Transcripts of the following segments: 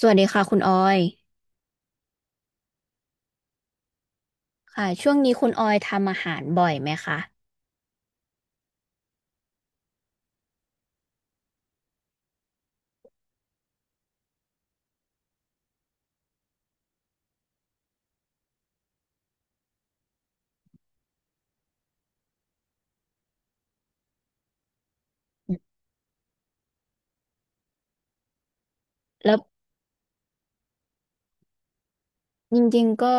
สวัสดีค่ะคุณออยค่ะช่วงนี้คุณออยทำอาหารบ่อยไหมคะอืมแล้วจริงๆก็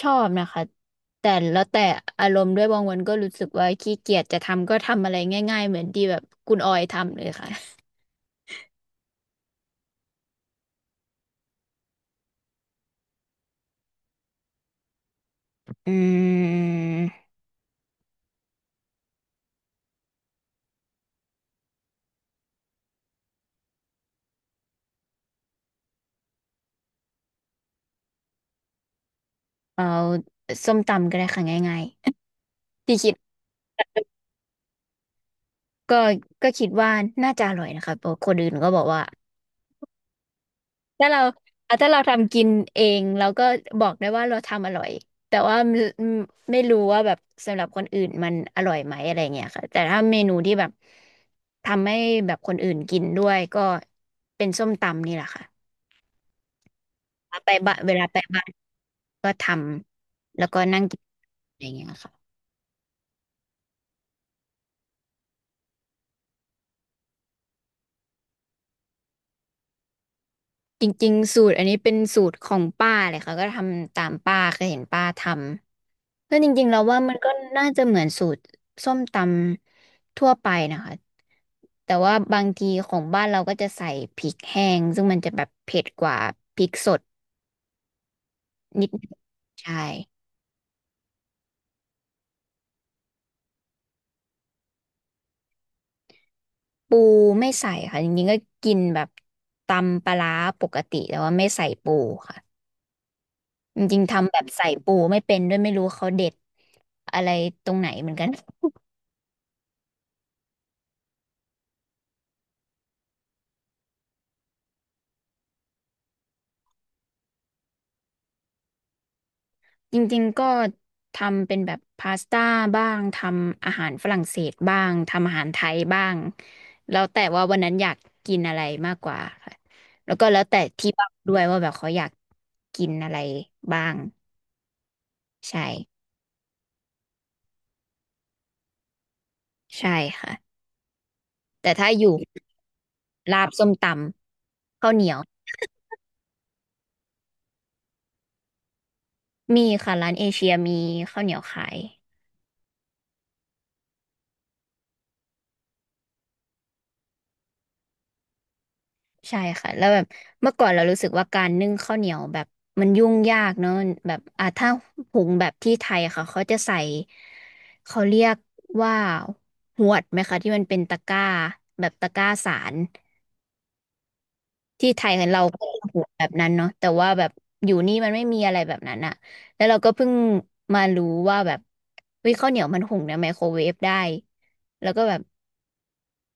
ชอบนะคะแต่แล้วแต่อารมณ์ด้วยบางวันก็รู้สึกว่าขี้เกียจจะทำก็ทำอะไรง่ายๆเหมือนที่แบบคุณออยทำเลยค่ะ อืมเอาส้มตำก็ได้ค่ะง่ายๆ ที่คิดก็ก็คิดว่าน่าจะอร่อยนะคะเพราะคนอื่นก็บอกว่า ถ้าเราอ่ะถ้าเราทำกินเองเราก็บอกได้ว่าเราทำอร่อยแต่ว่าไม่รู้ว่าแบบสำหรับคนอื่นมันอร่อยไหมอะไรเงี้ยค่ะแต่ถ้าเมนูที่แบบทำให้แบบคนอื่นกินด้วยก็เป็นส้มตำนี่แหละค่ะไปบ้านเวลาไปบ้านก็ทำแล้วก็นั่งกินอะไรเงี้ยค่ะจริงๆสูตรอันนี้เป็นสูตรของป้าเลยค่ะก็ทำตามป้าเคยเห็นป้าทำ ก็จริงๆเราว่ามันก็น่าจะเหมือนสูตรส้มตำทั่วไปนะคะแต่ว่าบางทีของบ้านเราก็จะใส่พริกแห้งซึ่งมันจะแบบเผ็ดกว่าพริกสดนิดนึงใช่ปูไม่ใส่ค่ะจริงๆก็กินแบบตำปลาร้าปกติแต่ว่าไม่ใส่ปูค่ะจริงๆทำแบบใส่ปูไม่เป็นด้วยไม่รู้เขาเด็ดอะไรตรงไหนเหมือนกัน จริงๆ ก็ทำเป็นแบบพาสต้าบ้างทำอาหารฝรั่งเศสบ้างทำอาหารไทยบ้างแล้วแต่ว่าวันนั้นอยากกินอะไรมากกว่าค่ะแล้วก็แล้วแต่ที่บ้านด้วยว่าแบบเขาอยากกินอะไรบ้างใช่ใช่ค่ะแต่ถ้าอยู่ลาบส้มตำข้าวเหนียวมีค่ะร้านเอเชียมีข้าวเหนียวขาย ใช่ค่ะแล้วแบบเมื่อก่อนเรารู้สึกว่าการนึ่งข้าวเหนียวแบบมันยุ่งยากเนอะแบบอ่ะถ้าหุงแบบที่ไทยค่ะเขาจะใส่เขาเรียกว่าหวดไหมคะที่มันเป็นตะกร้าแบบตะกร้าสารที่ไทยของเราก็เปหวดแบบนั้นเนาะแต่ว่าแบบอยู่นี่มันไม่มีอะไรแบบนั้นอะแล้วเราก็เพิ่งมารู้ว่าแบบวิข้าวเหนียวมันหุงในไมโครเวฟได้แล้วก็แบบ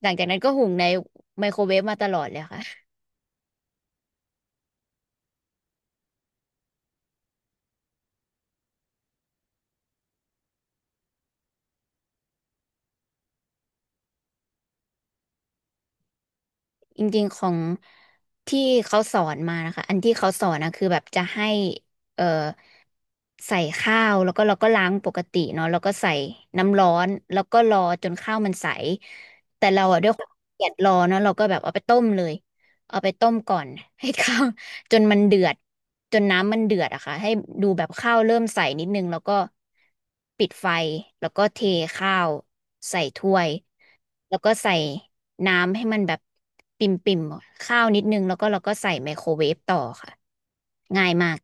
หลังจากนั้นก็หุงในไมโครเวฟมาตลอดเลยค่ะ จริงๆของที่เขาสอนมานะคะอันที่เขาสอนนะคือแบบจะให้เอ่อใส่ข้าวแล้วก็เราก็ล้างปกติเนาะแล้วก็ใส่น้ำร้อนแล้วก็รอจนข้าวมันใสแต่เราอะด้วยความขี้เกลียดรอเนาะเราก็แบบเอาไปต้มเลยเอาไปต้มก่อนให้ข้าว จนมันเดือดจนน้ำมันเดือดอะค่ะให้ดูแบบข้าวเริ่มใสนิดนึงแล้วก็ปิดไฟแล้วก็เทข้าวใส่ถ้วยแล้วก็ใส่ น้ำให้มันแบบปิ่มปิ่มข้าวนิดนึงแล้วก็เราก็ใส่ไมโครเวฟต่อค่ะง่ายมาก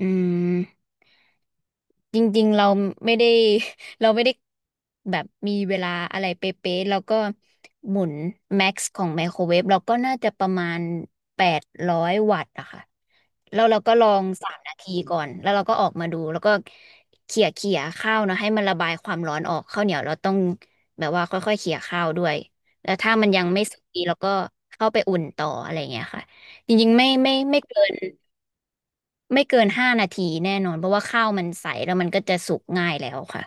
อืม จริงๆเราไม่ได้ เราไม่ได้แบบมีเวลาอะไรเป๊ะๆแล้วก็หมุนแม็กซ์ของไมโครเวฟเราก็น่าจะประมาณ800 วัตต์อะค่ะแล้วเราก็ลอง3 นาทีก่อนแล้วเราก็ออกมาดูแล้วก็เขี่ยเขี่ยข้าวเนอะให้มันระบายความร้อนออกข้าวเหนียวเราต้องแบบว่าค่อยๆเขี่ยข้าวด้วยแล้วถ้ามันยังไม่สุกดีเราก็เข้าไปอุ่นต่ออะไรเงี้ยค่ะจริงๆไม่เกิน5 นาทีแน่นอนเพราะว่าข้าวมันใสแล้วมันก็จะสุกง่ายแล้วค่ะ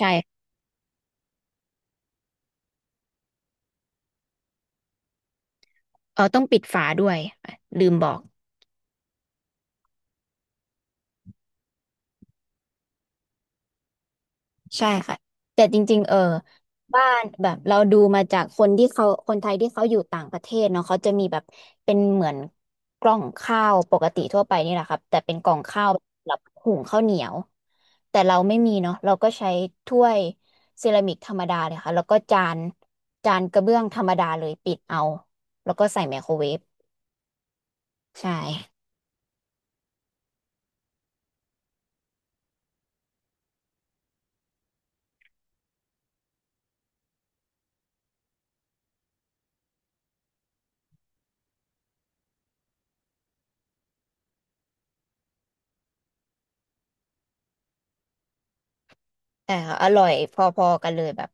ใช่ต้องปิดฝาด้วยค่ะลืมบอกใช่ค่ะแต่จริงๆบ้านแบบเราดูมาจากคนที่เขาคนไทยที่เขาอยู่ต่างประเทศเนาะเขาจะมีแบบเป็นเหมือนกล่องข้าวปกติทั่วไปนี่แหละครับแต่เป็นกล่องข้าวสำหรับหุงข้าวเหนียวแต่เราไม่มีเนาะเราก็ใช้ถ้วยเซรามิกธรรมดาเลยค่ะแล้วก็จานจานกระเบื้องธรรมดาเลยปิดเอาแล้วก็ใส่ไมโครเวฟ ใช่แต่อร่อยพอๆกันเลยแบบ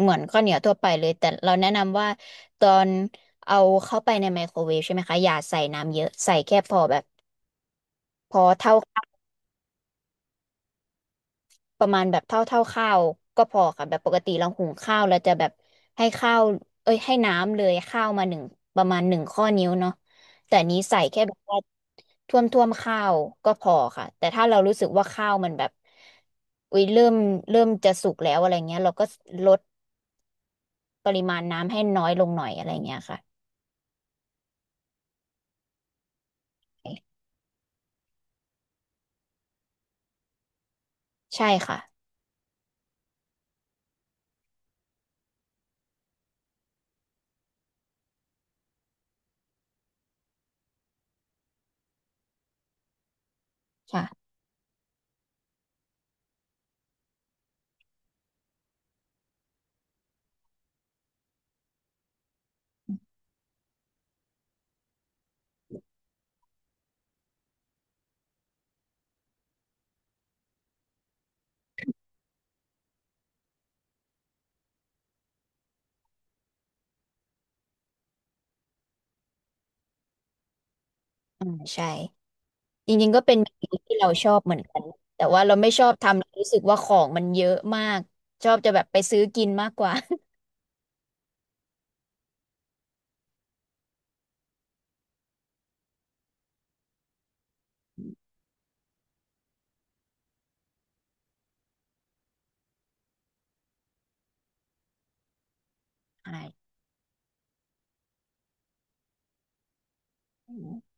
เหมือนข้าวเหนียวทั่วไปเลยแต่เราแนะนำว่าตอนเอาเข้าไปในไมโครเวฟใช่ไหมคะอย่าใส่น้ำเยอะใส่แค่พอแบบพอเท่าข้าวประมาณแบบเท่าข้าวก็พอค่ะแบบปกติเราหุงข้าวเราจะแบบให้ข้าวเอ้ยให้น้ำเลยข้าวมาหนึ่งประมาณ1 ข้อนิ้วเนาะแต่อันนี้ใส่แค่แบบว่าท่วมท่วมข้าวก็พอค่ะแต่ถ้าเรารู้สึกว่าข้าวมันแบบอุ้ยเริ่มจะสุกแล้วอะไรเงี้ยเราก็ลด ปริมาณน้ำให้น้อยลงหน่อยอะไรเงี้ยค่ะใช่ค่ะค่ะอืมใช่จริงๆก็เป็นเมนูที่เราชอบเหมือนกันแต่ว่าเราไม่ชอบทำเรารู้สึกว่าของมันเยอะมากชอบจะแบบไปซื้อกินมากกว่า ใช่อืม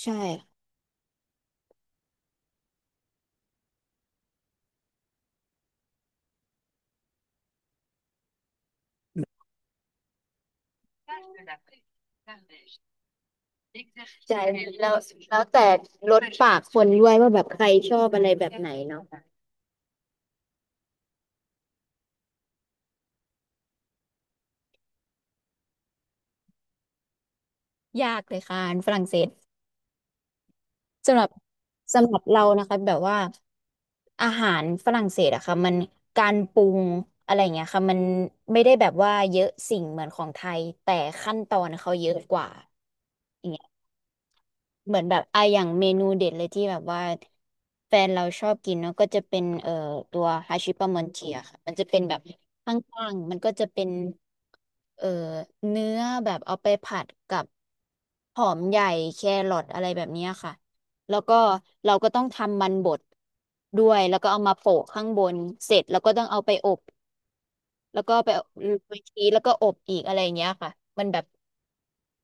ใช่ใช่แล้วแล้วแต่รสปากคนด้วยว่าแบบใครชอบอะไรแบบไหนเนาะยากเลยค่ะฝรั่งเศส สำหรับสำหรับเรานะคะแบบว่าอาหารฝรั่งเศสอะค่ะมันการปรุงอะไรอย่างเงี้ยค่ะมันไม่ได้แบบว่าเยอะสิ่งเหมือนของไทยแต่ขั้นตอนเขาเยอะกว่า เหมือนแบบอ่ะอย่างเมนูเด็ดเลยที่แบบว่าแฟนเราชอบกินเนาะก็จะเป็นตัวฮาชิปามอนเทียค่ะมันจะเป็นแบบข้างๆมันก็จะเป็นเอ่อเนื้อแบบเอาไปผัดกับหอมใหญ่แครอทอะไรแบบเนี้ยค่ะแล้วก็เราก็ต้องทำมันบดด้วยแล้วก็เอามาโปะข้างบนเสร็จแล้วก็ต้องเอาไปอบ แล้วก็ไปไปชีสแล้วก็อบอีกอะไรอย่างเงี้ยค่ะมันแบบ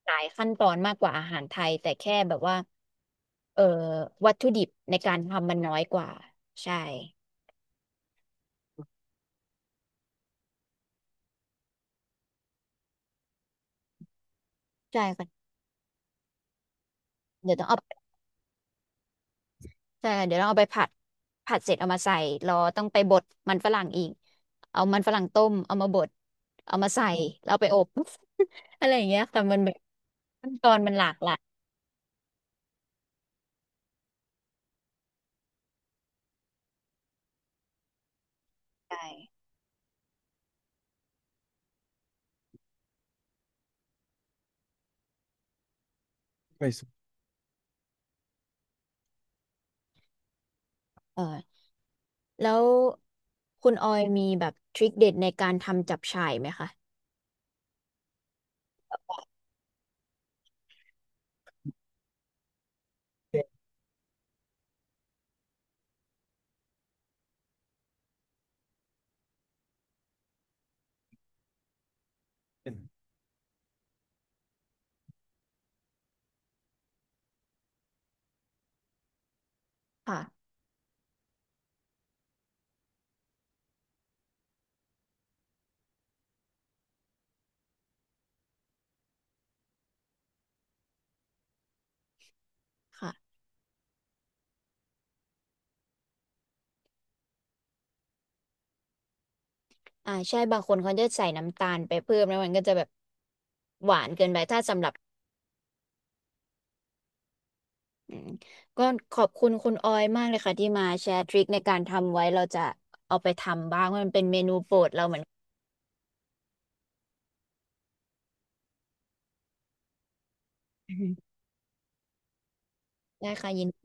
หลายขั้นตอนมากกว่าอาหารไทยแต่แค่แบบว่าเอ่อวัตถุดิบในการทำมันน้อยกว่าใช่ใช่ค่ะเดี๋ยวต้องเอาใช่เดี๋ยวต้องเอาไปผัดผัดเสร็จเอามาใส่รอต้องไปบดมันฝรั่งอีกเอามันฝรั่งต้มเอามาบดเอามาใส่แล้วเอาไปอบ อะไรอย่างเงี้ยค่ะมันแบบขั้นตอนมันหลากหลายใช่เออ แล้วคุณออยมีแบบทริคเด็ดในการทำจับฉ่ายไหมคะ ค่ะ ค่ะ อ่าใช่บางคนเขาจะใส่น้ำตาลไปเพิ่มแล้วมันก็จะแบบหวานเกินไปถ้าสำหรับอืมก็ขอบคุณคุณออยมากเลยค่ะที่มาแชร์ทริคในการทำไว้เราจะเอาไปทำบ้างเพราะมันเป็นเมนูโปรดเราเหมือนกันได้ค่ะยินดี